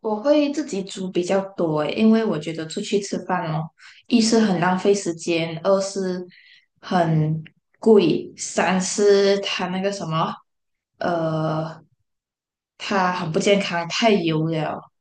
我会自己煮比较多诶，因为我觉得出去吃饭哦，一是很浪费时间，二是很贵，三是它那个什么，呃，它很不健康，太油了。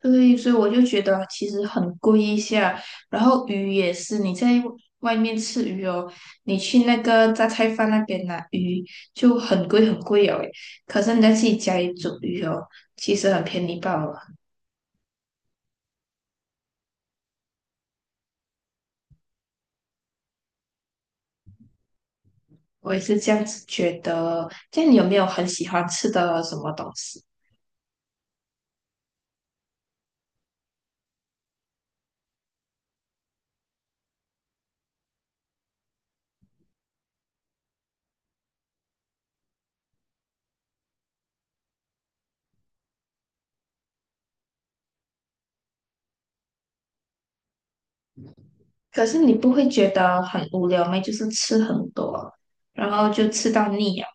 对，所以我就觉得其实很贵一下。然后鱼也是，你在外面吃鱼哦，你去那个榨菜饭那边拿鱼就很贵哦诶，可是你在自己家里煮鱼哦，其实很便宜罢了。我也是这样子觉得。这样你有没有很喜欢吃的什么东西？可是你不会觉得很无聊吗？就是吃很多，然后就吃到腻了，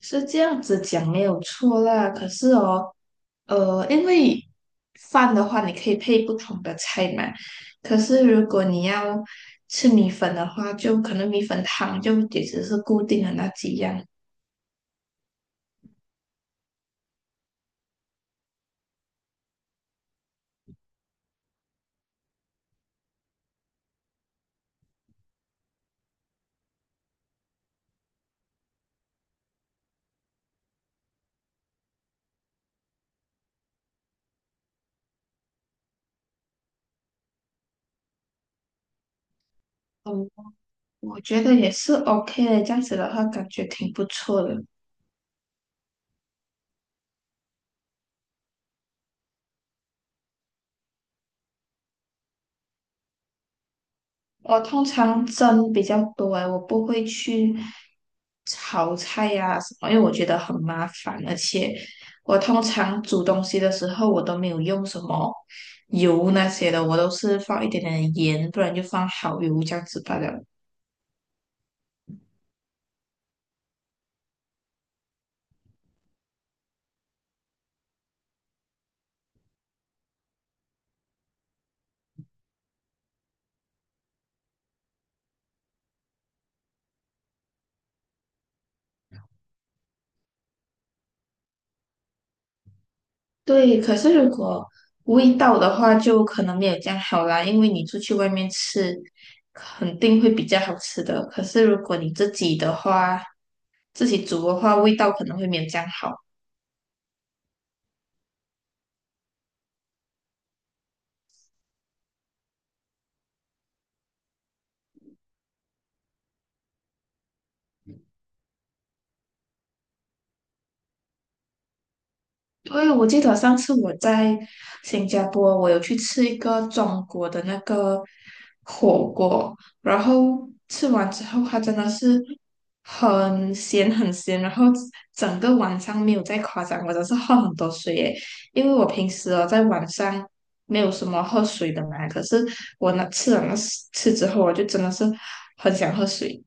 是这样子讲没有错啦。可是哦，因为饭的话你可以配不同的菜嘛，可是如果你要吃米粉的话，就可能米粉汤就也只是固定的那几样。嗯，我觉得也是 OK 的，这样子的话感觉挺不错的。我通常蒸比较多诶，我不会去炒菜呀、什么，因为我觉得很麻烦，而且我通常煮东西的时候，我都没有用什么油那些的，我都是放一点点的盐，不然就放蚝油这样子罢了。对，可是如果味道的话，就可能没有这样好啦，因为你出去外面吃，肯定会比较好吃的。可是如果你自己的话，自己煮的话，味道可能会没有这样好。对，我记得上次我在新加坡，我有去吃一个中国的那个火锅，然后吃完之后，它真的是很咸，然后整个晚上没有再夸张，我真是喝很多水耶，因为我平时哦在晚上没有什么喝水的嘛，可是我那吃了那吃之后，我就真的是很想喝水。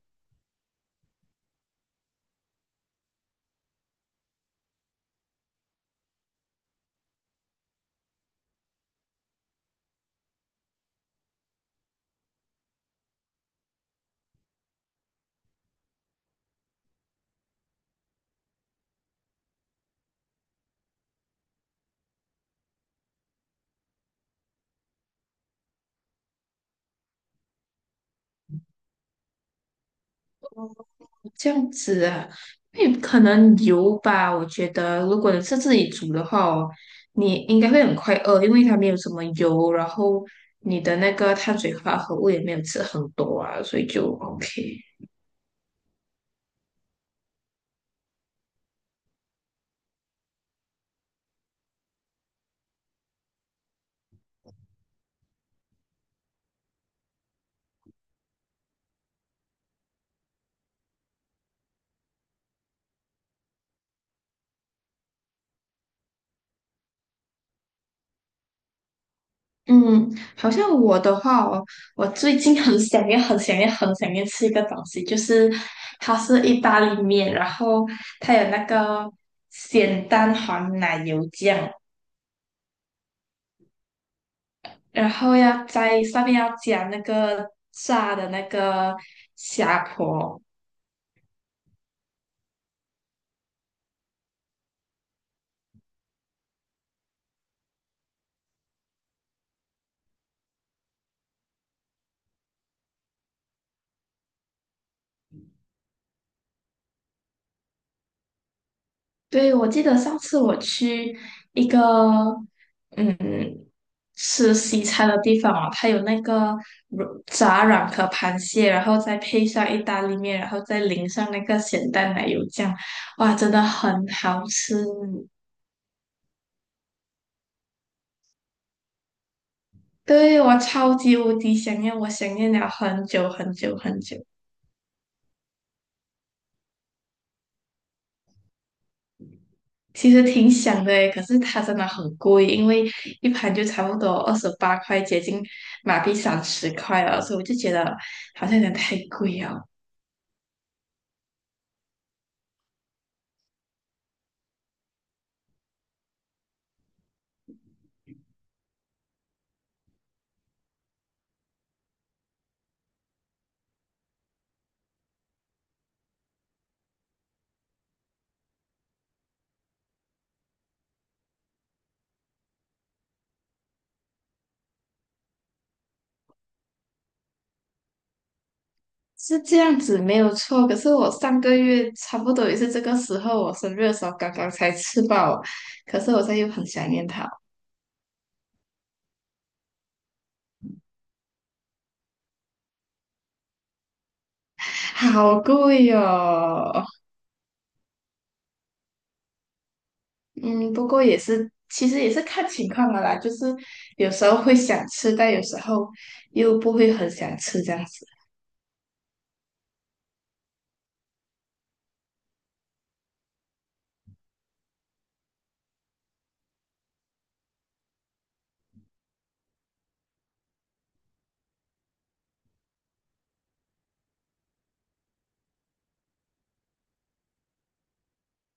这样子啊，因为可能油吧，我觉得如果你是自己煮的话哦，你应该会很快饿，因为它没有什么油，然后你的那个碳水化合物也没有吃很多啊，所以就 OK。嗯，好像我的话哦，我最近很想念吃一个东西，就是它是意大利面，然后它有那个咸蛋黄奶油酱，然后要在上面加那个炸的虾婆。对，我记得上次我去一个嗯吃西餐的地方哦，它有那个软炸软壳螃蟹，然后再配上意大利面，然后再淋上那个咸蛋奶油酱，哇，真的很好吃。对，我超级无敌想念，我想念了很久。其实挺想的诶，可是它真的很贵，因为一盘就差不多28块，接近马币30块了，所以我就觉得好像有点太贵。是这样子没有错，可是我上个月差不多也是这个时候，我生日的时候刚刚才吃饱，可是我现在又很想念它，好贵哦。嗯，不过也是，其实也是看情况的啦，就是有时候会想吃，但有时候又不会很想吃这样子。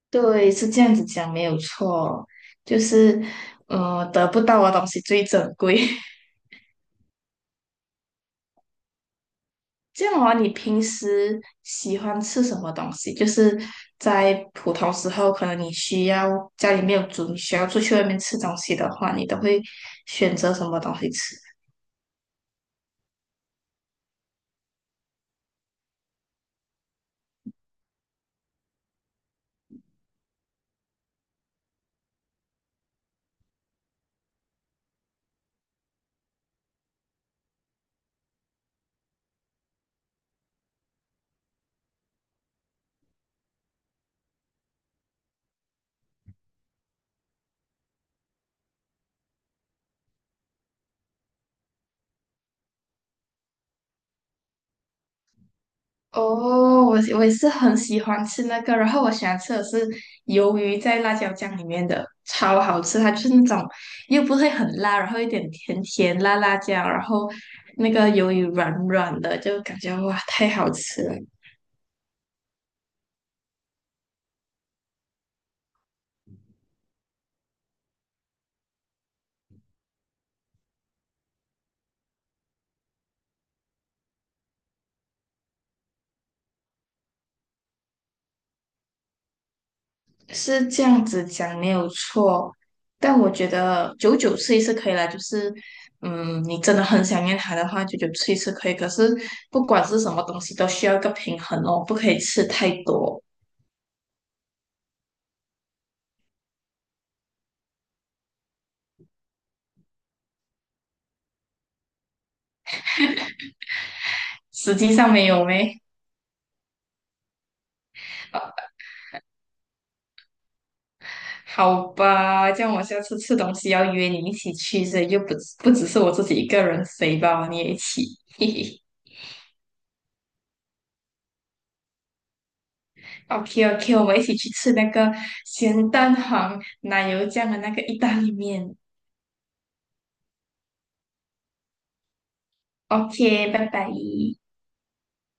对，是这样子讲没有错，就是，得不到的东西最珍贵。这样的话，你平时喜欢吃什么东西？就是在普通时候，可能你需要家里没有煮，你需要出去外面吃东西的话，你都会选择什么东西吃？哦，我也是很喜欢吃那个，然后我喜欢吃的是鱿鱼在辣椒酱里面的，超好吃。它就是那种又不会很辣，然后一点甜甜辣辣酱，然后那个鱿鱼软软的，就感觉哇，太好吃了。是这样子讲没有错，但我觉得久久吃一次可以啦，就是嗯，你真的很想念它的话，久久吃一次可以。可是不管是什么东西，都需要一个平衡哦，不可以吃太多。实际上没有咩？好吧，这样我下次吃东西要约你一起去，所以就不只是我自己一个人飞吧，你也一起。嘿嘿，OK OK，我们一起去吃那个咸蛋黄奶油酱的那个意大利面。OK，拜拜。